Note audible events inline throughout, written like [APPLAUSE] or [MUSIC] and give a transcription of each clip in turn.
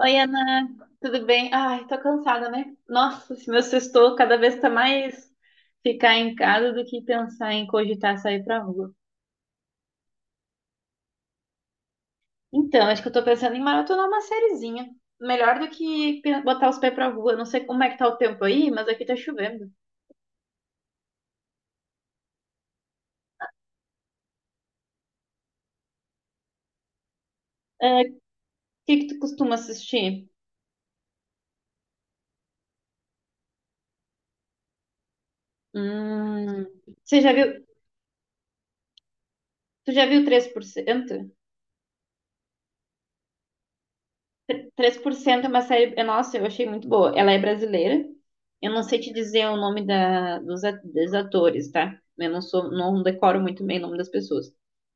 Oi, Ana, tudo bem? Ai, tô cansada, né? Nossa, esse meu sextou cada vez tá mais ficar em casa do que pensar em cogitar sair pra rua. Então, acho que eu tô pensando em maratonar uma sériezinha. Melhor do que botar os pés pra rua. Não sei como é que tá o tempo aí, mas aqui tá chovendo. É, o que que tu costuma assistir? Hum, você já viu, tu já viu 3%? Três por cento é uma série. Nossa, eu achei muito boa. Ela é brasileira. Eu não sei te dizer o nome dos atores, tá? Eu não sou, não decoro muito bem o nome das pessoas.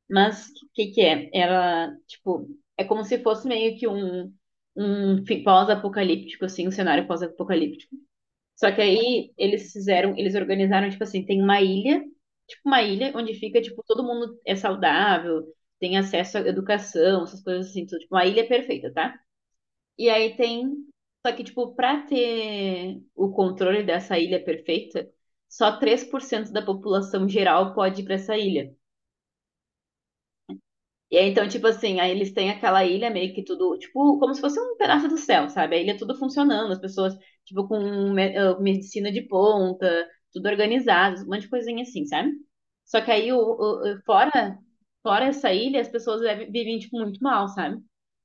Mas o que que é? Ela, tipo, é como se fosse meio que um pós-apocalíptico, assim, um cenário pós-apocalíptico. Só que aí eles organizaram, tipo assim, tem uma ilha, tipo uma ilha onde fica, tipo, todo mundo é saudável, tem acesso à educação, essas coisas assim, tudo, tipo, uma ilha perfeita, tá? E aí tem. Só que, tipo, pra ter o controle dessa ilha perfeita, só 3% da população geral pode ir pra essa ilha. E aí, então, tipo assim, aí eles têm aquela ilha meio que tudo, tipo, como se fosse um pedaço do céu, sabe? A ilha tudo funcionando, as pessoas, tipo, com medicina de ponta, tudo organizado, um monte de coisinha assim, sabe? Só que aí, fora, fora essa ilha, as pessoas vivem, tipo, muito mal, sabe?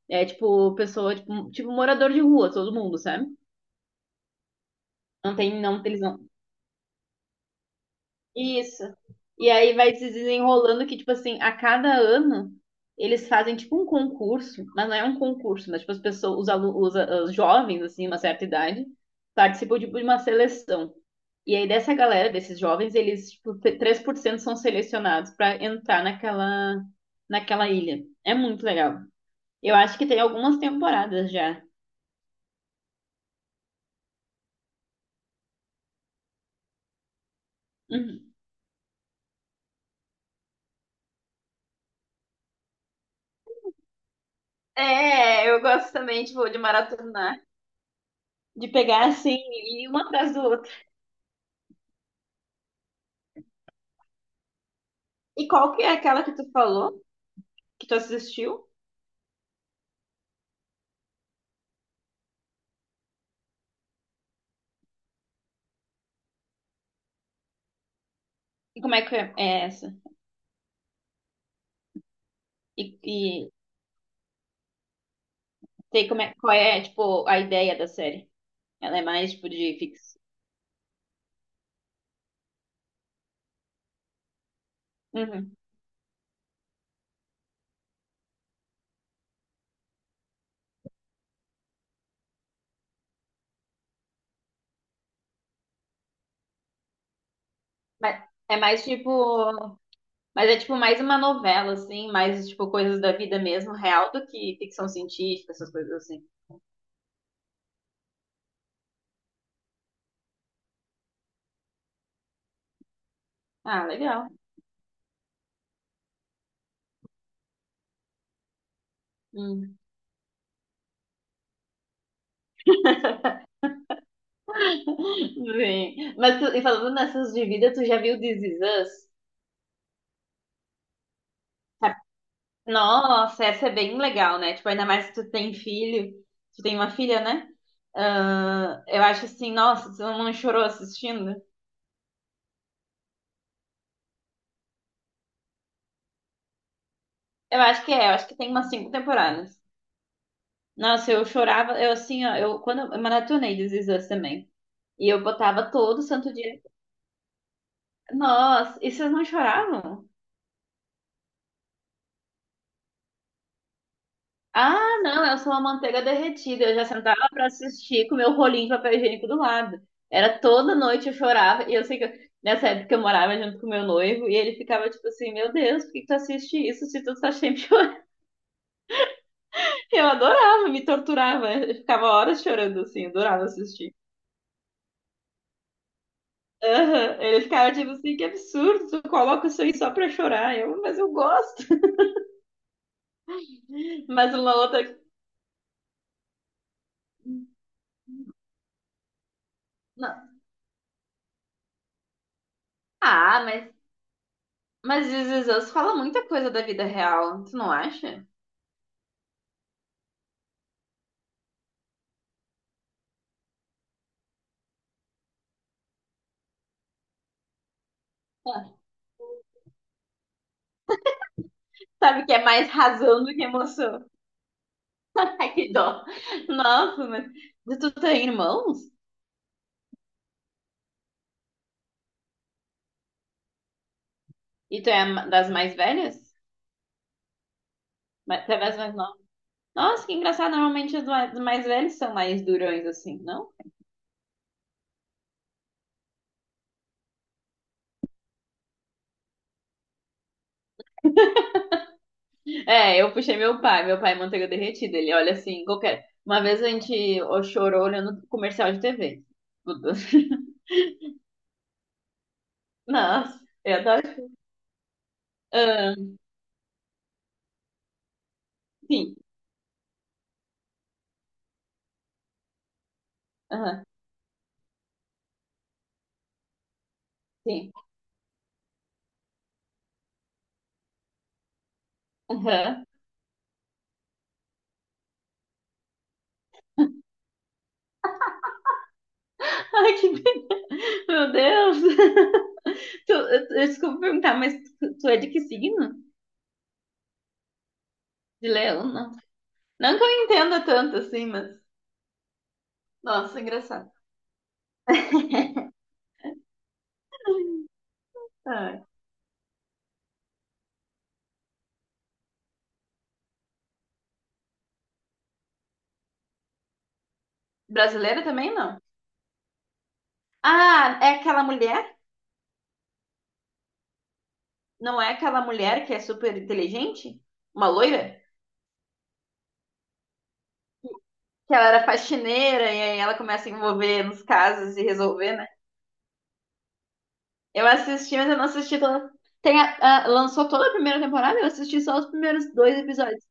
É, tipo, morador de rua, todo mundo, sabe? Não tem, não, eles não. Isso. E aí vai se desenrolando que, tipo assim, a cada ano eles fazem tipo um concurso, mas não é um concurso, mas tipo as pessoas, os alunos, os a- os jovens, assim, uma certa idade, participam tipo, de uma seleção. E aí dessa galera, desses jovens, eles, tipo, 3% são selecionados para entrar naquela, naquela ilha. É muito legal. Eu acho que tem algumas temporadas já. Uhum. É, eu gosto também, tipo, de maratonar. De pegar assim, e uma atrás do E qual que é aquela que tu falou, que tu assistiu? E como é que é essa? E, e tem como é, qual é, tipo, a ideia da série? Ela é mais, tipo, de ficção? Uhum. Mas é mais, tipo... Mas é, tipo, mais uma novela, assim. Mais, tipo, coisas da vida mesmo, real, do que ficção científica, essas coisas assim. Ah, legal. Hum. [LAUGHS] Sim. E falando nessas de vida, tu já viu This Is Us? Nossa, essa é bem legal, né? Tipo, ainda mais se tu tem filho, tu tem uma filha, né? Ah, eu acho assim, nossa, tu não chorou assistindo? Eu acho que tem umas cinco temporadas. Nossa, eu chorava, eu assim, ó, eu quando eu maratonei This Is Us também. E eu botava todo santo dia. Nossa, e vocês não choravam? Ah, não, eu sou uma manteiga derretida. Eu já sentava pra assistir com meu rolinho de papel higiênico do lado. Era toda noite eu chorava. E eu sei que eu- nessa época eu morava junto com meu noivo e ele ficava tipo assim: Meu Deus, por que que tu assiste isso se tu tá sempre chorando? [LAUGHS] Eu adorava, me torturava. Eu ficava horas chorando assim, adorava assistir. Aham, ele ficava tipo assim: Que absurdo, tu coloca isso aí só pra chorar. Mas eu gosto. [LAUGHS] Mas uma outra. Não. Ah, mas, mas This Is Us fala muita coisa da vida real, tu não acha? Sabe que é mais razão do que emoção. [LAUGHS] Ai, que dó. Nossa, mas tu tem irmãos? E tu é a das mais velhas? Tu é das mais novas? Nossa, que engraçado. Normalmente os mais velhos são mais durões, assim, não? É, eu puxei meu pai. Meu pai é manteiga derretida. Ele olha assim, qualquer... Uma vez a gente ó, chorou olhando comercial de TV. [LAUGHS] Nossa, eu adoro. Ahn, sim, aham, sim. Aham. [LAUGHS] Ai, Meu Deus. [LAUGHS] Eu desculpa perguntar, mas tu é de que signo? De leão, não? Não que eu entenda tanto assim, mas. Nossa, engraçado. [LAUGHS] Ah, brasileira também não. Ah, é aquela mulher? Não é aquela mulher que é super inteligente? Uma loira? Que ela era faxineira e aí ela começa a envolver nos casos e resolver, né? Eu assisti, mas eu não assisti toda. Tem lançou toda a primeira temporada, eu assisti só os primeiros dois episódios.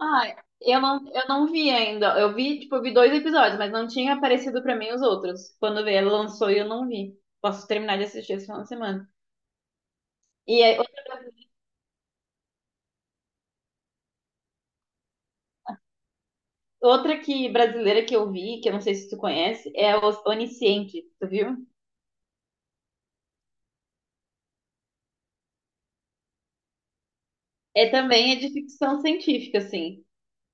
Ah, eu não vi ainda. Eu vi, tipo, eu vi dois episódios, mas não tinha aparecido pra mim os outros. Quando veio, ela lançou e eu não vi. Posso terminar de assistir esse final de semana. E aí, outra que brasileira que eu vi, que eu não sei se tu conhece, é o Onisciente, tu viu? É também é de ficção científica, assim.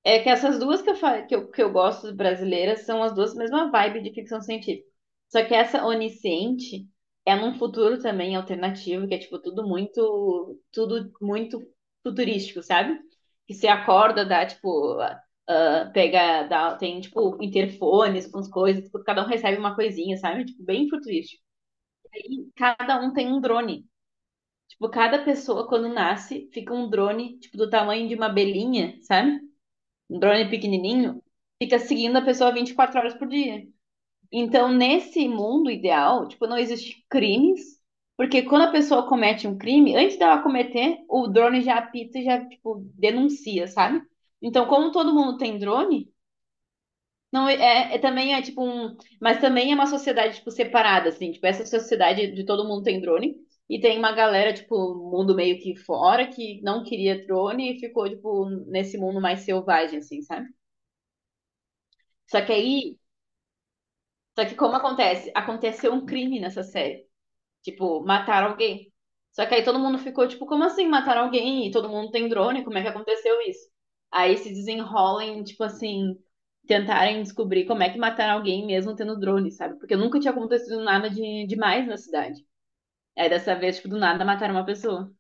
É que essas duas que eu, fa- que eu gosto brasileiras são as duas mesma vibe de ficção científica. Só que essa Onisciente é num futuro também alternativo, que é tipo tudo muito futurístico, sabe? Que você acorda, dá tipo, ah, pega, dá, tem tipo interfones com as coisas, tipo, cada um recebe uma coisinha, sabe? Tipo, bem futurístico. Aí cada um tem um drone. Tipo, cada pessoa quando nasce fica um drone, tipo, do tamanho de uma abelhinha, sabe? Um drone pequenininho, fica seguindo a pessoa 24 horas por dia. Então, nesse mundo ideal, tipo, não existe crimes, porque quando a pessoa comete um crime, antes dela cometer, o drone já apita e já, tipo, denuncia, sabe? Então, como todo mundo tem drone, não é, é também é tipo um, mas também é uma sociedade tipo separada assim, tipo essa sociedade de todo mundo tem drone e tem uma galera tipo mundo meio que fora que não queria drone e ficou tipo nesse mundo mais selvagem assim, sabe? Só que aí, só que como acontece? Aconteceu um crime nessa série. Tipo, mataram alguém. Só que aí todo mundo ficou, tipo, como assim mataram alguém? E todo mundo tem drone, como é que aconteceu isso? Aí se desenrolem, tipo assim, tentarem descobrir como é que mataram alguém mesmo tendo drone, sabe? Porque nunca tinha acontecido nada de demais na cidade. Aí dessa vez, tipo, do nada mataram uma pessoa.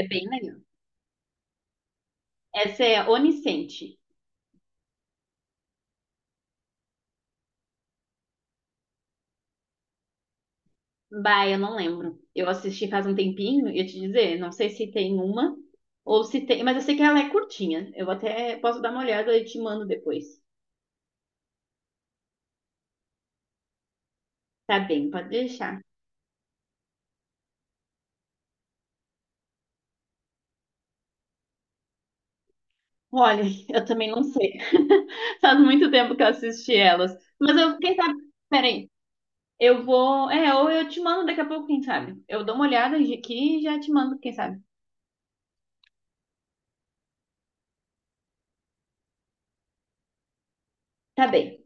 É bem legal. Essa é Onisciente. Bah, eu não lembro. Eu assisti faz um tempinho, ia te dizer, não sei se tem uma ou se tem, mas eu sei que ela é curtinha. Eu até posso dar uma olhada e te mando depois. Tá bem, pode deixar. Olha, [LAUGHS] eu também não sei. [LAUGHS] Faz muito tempo que eu assisti elas. Mas eu, quem sabe, peraí, ou eu te mando daqui a pouco, quem sabe. Eu dou uma olhada aqui e já te mando, quem sabe. Tá bem.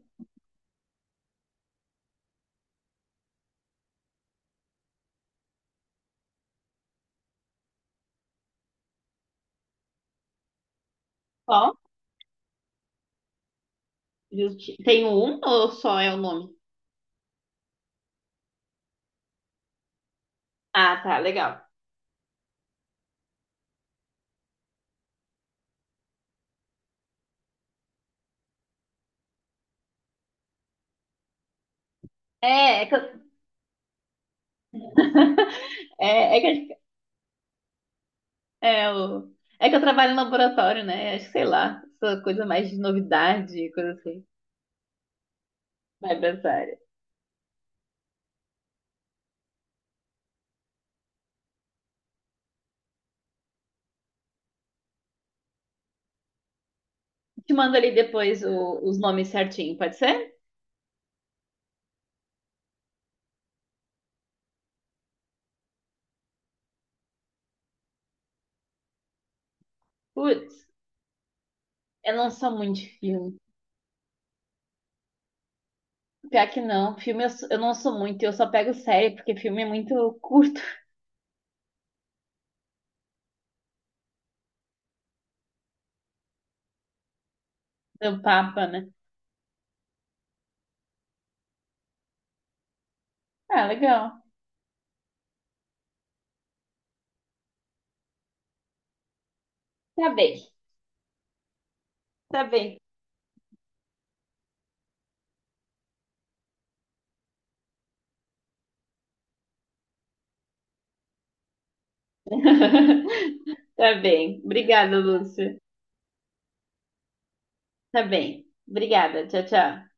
Ó, tem um ou só é o nome? Ah, tá, legal. É, é que, eu- é, é que a É, o... é que eu trabalho em laboratório, né? Acho que sei lá, essa coisa mais de novidade, coisa assim. Vai pra essa área. Te mando ali depois os nomes certinho, pode ser? Putz, eu não sou muito de filme. Pior que não, filme eu, sou- eu não sou muito, eu só pego série, porque filme é muito curto [LAUGHS] do Papa, né? Ah, legal. Tá bem, tá bem. [LAUGHS] Tá bem. Obrigada, Lúcia. Tá bem. Obrigada. Tchau, tchau.